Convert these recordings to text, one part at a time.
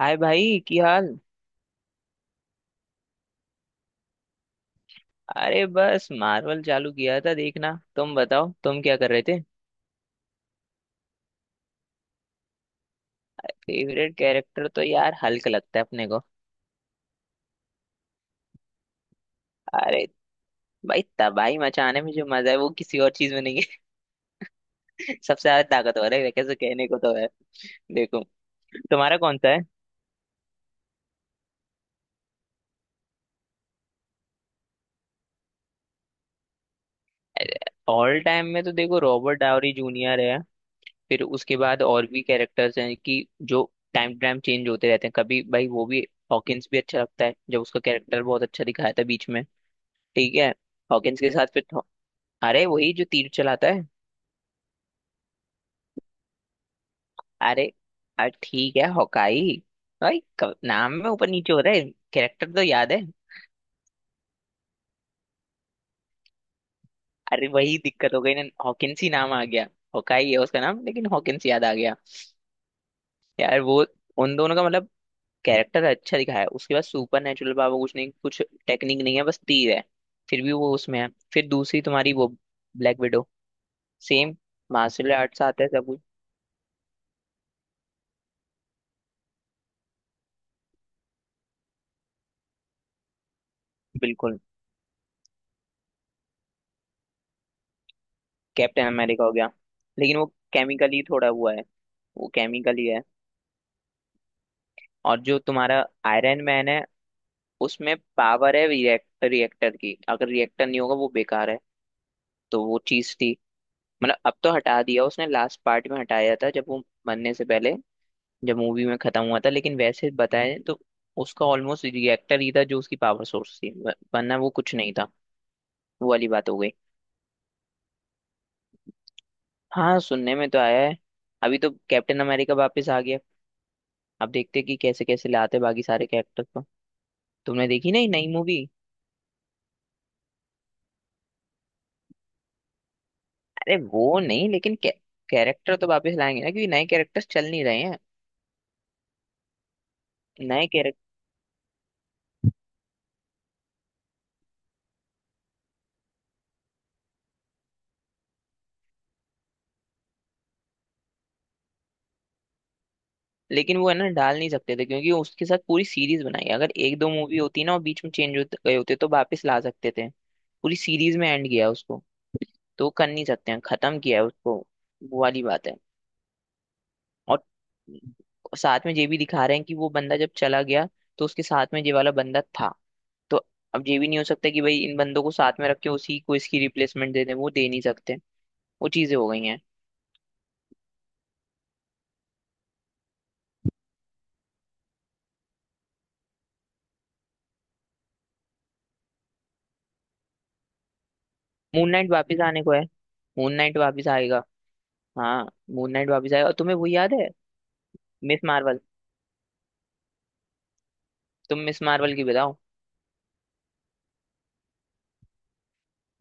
हाय भाई की हाल। अरे बस मार्वल चालू किया था देखना। तुम बताओ तुम क्या कर रहे थे। फेवरेट कैरेक्टर तो यार हल्क लगता है अपने को। अरे भाई तबाही मचाने में जो मजा है वो किसी और चीज में नहीं है। सबसे ज्यादा ताकतवर है वैसे कहने को तो है। देखो तुम्हारा कौन सा है। ऑल टाइम में तो देखो रॉबर्ट डावरी जूनियर है। फिर उसके बाद और भी कैरेक्टर्स हैं कि जो टाइम टू टाइम चेंज होते रहते हैं। कभी भाई वो भी हॉकिंस भी अच्छा लगता है, जब उसका कैरेक्टर बहुत अच्छा दिखाया था बीच में। ठीक है हॉकिंस के साथ फिर तो, अरे वही जो तीर चलाता है। अरे अरे ठीक है हॉकाई भाई। नाम में ऊपर नीचे हो रहा है। कैरेक्टर तो याद है। अरे वही दिक्कत हो गई ना, हॉकिंस ही नाम आ गया। हॉकाई है उसका नाम, लेकिन हॉकिंस याद आ गया। यार वो उन दोनों का मतलब कैरेक्टर अच्छा दिखाया है। उसके बाद सुपर नेचुरल पावर कुछ नहीं, कुछ टेक्निक नहीं है, बस तीर है। फिर भी वो उसमें है। फिर दूसरी तुम्हारी वो Black Widow. Same martial arts आता है सब कुछ। बिल्कुल। कैप्टन अमेरिका हो गया लेकिन वो केमिकली थोड़ा हुआ है। वो केमिकली है। और जो तुम्हारा आयरन मैन है उसमें पावर है रिएक्टर। रिएक्टर की अगर रिएक्टर नहीं होगा वो बेकार है। तो वो चीज थी। मतलब अब तो हटा दिया उसने, लास्ट पार्ट में हटाया था जब वो बनने से पहले जब मूवी में खत्म हुआ था। लेकिन वैसे बताए तो उसका ऑलमोस्ट रिएक्टर ही था जो उसकी पावर सोर्स थी, वरना वो कुछ नहीं था। वो वाली बात हो गई। हाँ सुनने में तो आया है। अभी तो कैप्टन अमेरिका वापस आ गया। अब देखते हैं कि कैसे कैसे लाते हैं बाकी सारे कैरेक्टर को। तुमने देखी नहीं नई मूवी। अरे वो नहीं, लेकिन कैरेक्टर तो वापस लाएंगे ना, क्योंकि नए कैरेक्टर्स चल नहीं रहे हैं। नए कैरेक्टर लेकिन वो है ना, डाल नहीं सकते थे क्योंकि उसके साथ पूरी सीरीज बनाई है। अगर एक दो मूवी होती ना और बीच में चेंज हो गए होते तो वापस ला सकते थे। पूरी सीरीज में एंड किया है उसको। तो वो कर नहीं सकते हैं, खत्म किया है उसको। वो वाली बात है। और साथ में ये भी दिखा रहे हैं कि वो बंदा जब चला गया तो उसके साथ में ये वाला बंदा था। तो अब ये भी नहीं हो सकता कि भाई इन बंदों को साथ में रख के उसी को इसकी रिप्लेसमेंट दे दें, वो दे नहीं सकते। वो चीजें हो गई हैं। मून नाइट वापिस आने को है। मून नाइट वापिस आएगा। हाँ, मून नाइट वापिस आएगा। और तुम्हें वो याद है, मिस मार्वल? तुम मिस मार्वल की बताओ,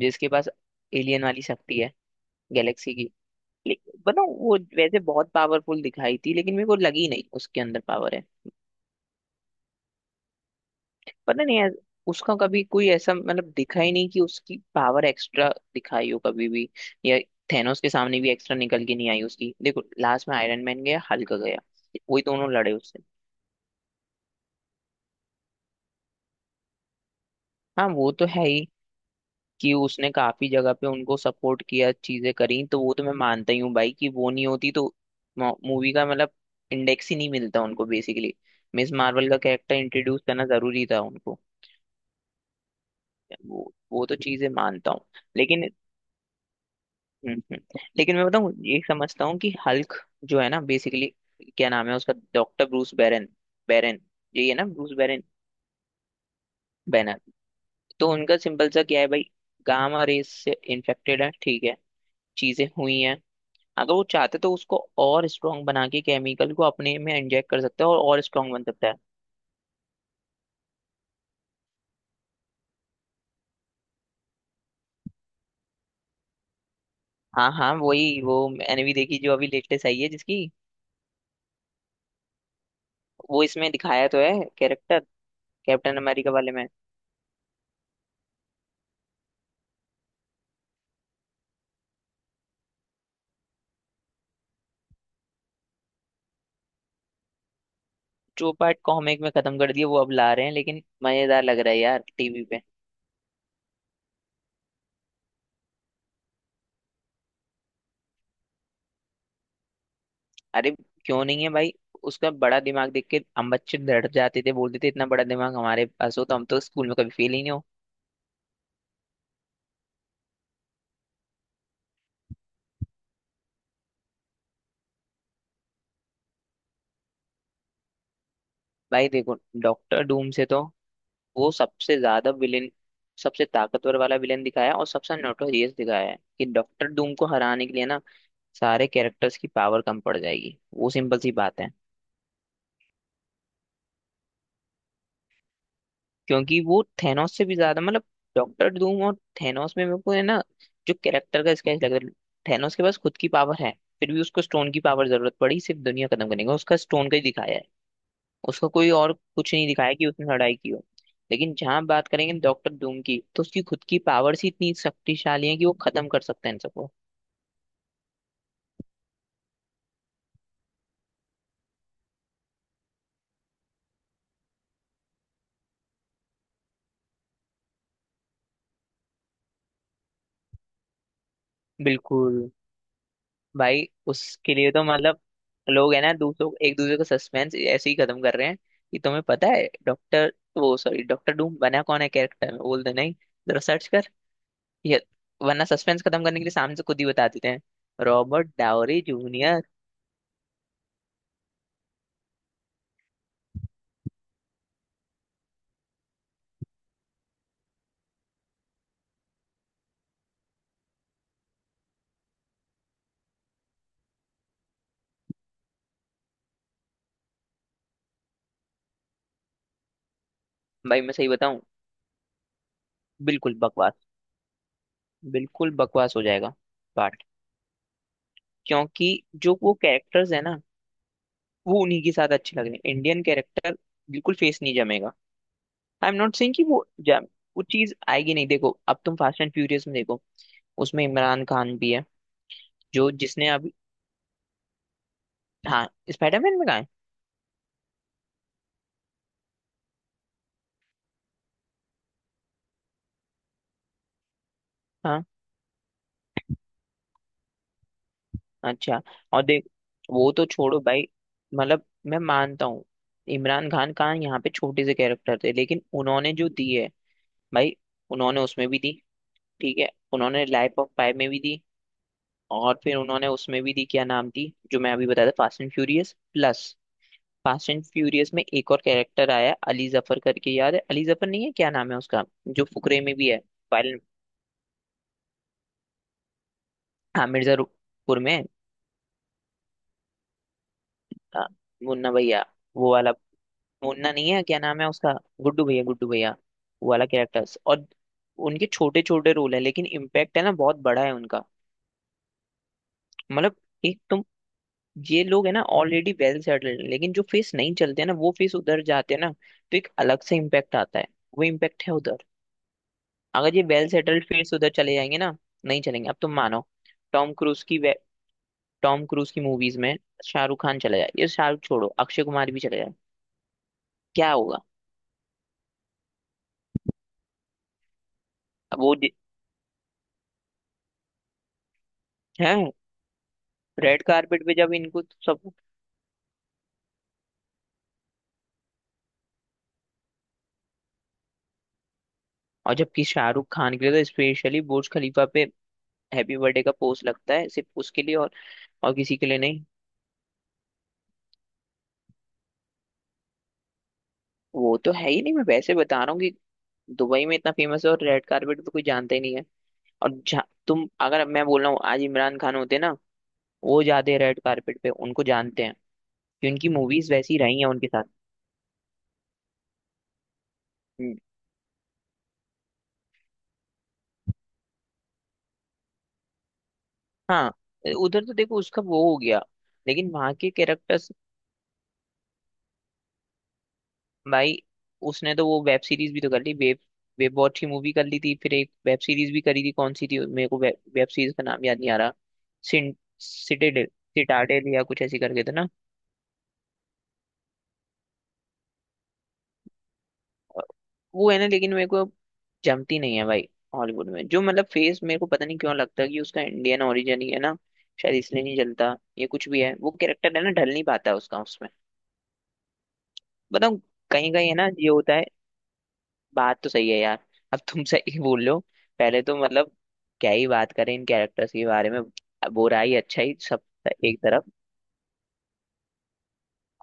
जिसके पास एलियन वाली शक्ति है, गैलेक्सी की। लेकिन बताओ वो वैसे बहुत पावरफुल दिखाई थी, लेकिन मेरे को लगी नहीं उसके अंदर पावर है। पता नहीं यार, उसका कभी कोई ऐसा मतलब दिखा ही नहीं कि उसकी पावर एक्स्ट्रा दिखाई हो कभी भी। या थेनोस के सामने भी एक्स्ट्रा निकल के नहीं आई उसकी। देखो लास्ट में आयरन मैन गया, हल्क गया, वही दोनों लड़े उससे। हाँ वो तो है ही कि उसने काफी जगह पे उनको सपोर्ट किया, चीजें करी। तो वो तो मैं मानता ही हूँ भाई कि वो नहीं होती तो मूवी का मतलब इंडेक्स ही नहीं मिलता उनको बेसिकली। मिस मार्वल का कैरेक्टर इंट्रोड्यूस करना जरूरी था उनको। वो तो चीजें मानता हूँ। लेकिन लेकिन मैं बताऊँ, ये समझता हूँ कि हल्क जो है ना बेसिकली, क्या नाम है उसका, डॉक्टर ब्रूस बैरन। बैरन। यही है ना ब्रूस बैरन। बैनर। तो उनका सिंपल सा क्या है भाई, गामा रेस से इन्फेक्टेड है। ठीक है चीजें हुई हैं। अगर वो चाहते तो उसको और स्ट्रांग बना के, केमिकल को अपने में इंजेक्ट कर सकता है और स्ट्रांग बन सकता है। हाँ हाँ, वही वो मैंने भी देखी जो अभी लेटेस्ट आई है जिसकी। वो इसमें दिखाया तो है कैरेक्टर, कैप्टन अमेरिका वाले में। टू पार्ट कॉमिक में खत्म कर दिया, वो अब ला रहे हैं। लेकिन मजेदार लग रहा है यार टीवी पे। अरे क्यों नहीं है भाई, उसका बड़ा दिमाग देख के हम बच्चे डर जाते थे। बोलते थे इतना बड़ा दिमाग हमारे पास हो तो हम तो स्कूल में कभी फेल ही नहीं हो। भाई देखो, डॉक्टर डूम से तो वो सबसे ज्यादा विलेन, सबसे ताकतवर वाला विलेन दिखाया और सबसे नोटोरियस दिखाया है कि डॉक्टर डूम को हराने के लिए ना सारे कैरेक्टर्स की पावर कम पड़ जाएगी। वो सिंपल सी बात है। क्योंकि वो थेनोस से भी ज्यादा मतलब, डॉक्टर डूम और थेनोस में मेरे को है ना जो कैरेक्टर का स्केच लग रहा है, थेनोस के पास खुद की पावर है, फिर भी उसको स्टोन की पावर जरूरत पड़ी। सिर्फ दुनिया खत्म करने का उसका स्टोन का ही दिखाया है। उसका कोई और कुछ नहीं दिखाया कि उसने लड़ाई की हो। लेकिन जहां बात करेंगे डॉक्टर डूम की, तो उसकी खुद की पावर्स ही इतनी शक्तिशाली है कि वो खत्म कर सकता है इन सबको। बिल्कुल। भाई उसके लिए तो मतलब, लोग है ना दूसरों, एक दूसरे का सस्पेंस ऐसे ही खत्म कर रहे हैं कि तुम्हें पता है डॉक्टर, वो सॉरी डॉक्टर डूम बना कौन है कैरेक्टर में, बोल दे नहीं। जरा सर्च कर ये, वरना सस्पेंस खत्म करने के लिए सामने से खुद ही बता देते हैं। Robert dowry junior. भाई मैं सही बताऊं, बिल्कुल बकवास, बिल्कुल बकवास हो जाएगा पार्ट। क्योंकि जो वो कैरेक्टर्स है ना, वो उन्हीं के साथ अच्छे लग रहे हैं। इंडियन कैरेक्टर बिल्कुल फेस नहीं जमेगा। आई एम नॉट सेइंग कि वो जा, वो चीज आएगी नहीं। देखो अब तुम फास्ट एंड फ्यूरियस में देखो, उसमें इमरान खान भी है, जो जिसने अभी, हाँ, स्पाइडरमैन में कहा है। हाँ अच्छा, और देख, वो तो छोड़ो भाई, मतलब मैं मानता हूँ इमरान खान का यहाँ पे छोटे से कैरेक्टर थे, लेकिन उन्होंने जो दी है भाई, उन्होंने उसमें भी दी, ठीक है, उन्होंने लाइफ ऑफ पाई में भी दी, और फिर उन्होंने उसमें भी दी, क्या नाम थी जो मैं अभी बताया था, Fast and Furious plus. Fast and Furious में एक और कैरेक्टर आया, अली जफर करके, याद है? अली जफर नहीं है, क्या नाम है उसका, जो फुकरे में भी है, फाइल। हाँ मिर्जापुर में है, हाँ, मुन्ना भैया, वो वाला। मुन्ना नहीं है क्या नाम है उसका, गुड्डू भैया, गुड्डू भैया। वो वाला कैरेक्टर्स, और उनके छोटे छोटे रोल है, लेकिन इम्पैक्ट है ना बहुत बड़ा है उनका। मतलब एक तो, ये लोग है ना ऑलरेडी वेल सेटल्ड, लेकिन जो फेस नहीं चलते हैं ना, वो फेस उधर जाते हैं ना तो एक अलग से इम्पैक्ट आता है। वो इम्पैक्ट है उधर। अगर ये वेल सेटल्ड फिर से उधर चले जाएंगे ना, नहीं चलेंगे, अब तुम मानो। टॉम क्रूज की टॉम क्रूज की मूवीज में शाहरुख खान चला जाए, ये शाहरुख छोड़ो, अक्षय कुमार भी चले जाए, क्या होगा? अब वो है, रेड कारपेट पे जब इनको सब। और जबकि शाहरुख खान के लिए तो स्पेशली बुर्ज खलीफा पे हैप्पी बर्थडे का पोस्ट लगता है, सिर्फ उसके लिए और किसी के लिए नहीं। वो तो है ही नहीं, मैं वैसे बता रहा हूँ कि दुबई में इतना फेमस है, और रेड कारपेट पे कोई जानता ही नहीं है। और तुम अगर, मैं बोल रहा हूँ आज इमरान खान होते ना, वो जाते हैं रेड कारपेट पे उनको जानते हैं। क्योंकि मूवीज वैसी रही हैं उनके साथ। हम्म, हाँ, उधर तो देखो उसका वो हो गया। लेकिन वहां के कैरेक्टर्स भाई, उसने तो वो वेब सीरीज भी तो कर ली। वेब, वेब वॉच की मूवी कर ली थी, फिर एक वेब सीरीज भी करी थी, कौन सी थी मेरे को, वेब, वेब सीरीज का नाम याद नहीं आ रहा। सिटाडेल, सिटाडेल या कुछ ऐसी करके था ना। वो है ना, लेकिन मेरे को जमती नहीं है भाई, हॉलीवुड में जो मतलब फेस मेरे को पता नहीं क्यों लगता है कि उसका इंडियन ओरिजिन ही है ना, शायद इसलिए नहीं जलता। ये कुछ भी है, वो कैरेक्टर है ना ढल नहीं पाता उसका उसमें। बताऊँ, कहीं कहीं है ना ये होता है। बात तो सही है यार, अब तुम सही बोल लो। पहले तो मतलब, क्या ही बात करें इन कैरेक्टर्स के बारे में, बुरा ही अच्छा ही सब एक तरफ।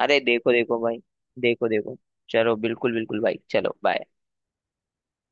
अरे देखो देखो भाई, देखो देखो। चलो बिल्कुल बिल्कुल भाई, चलो बाय।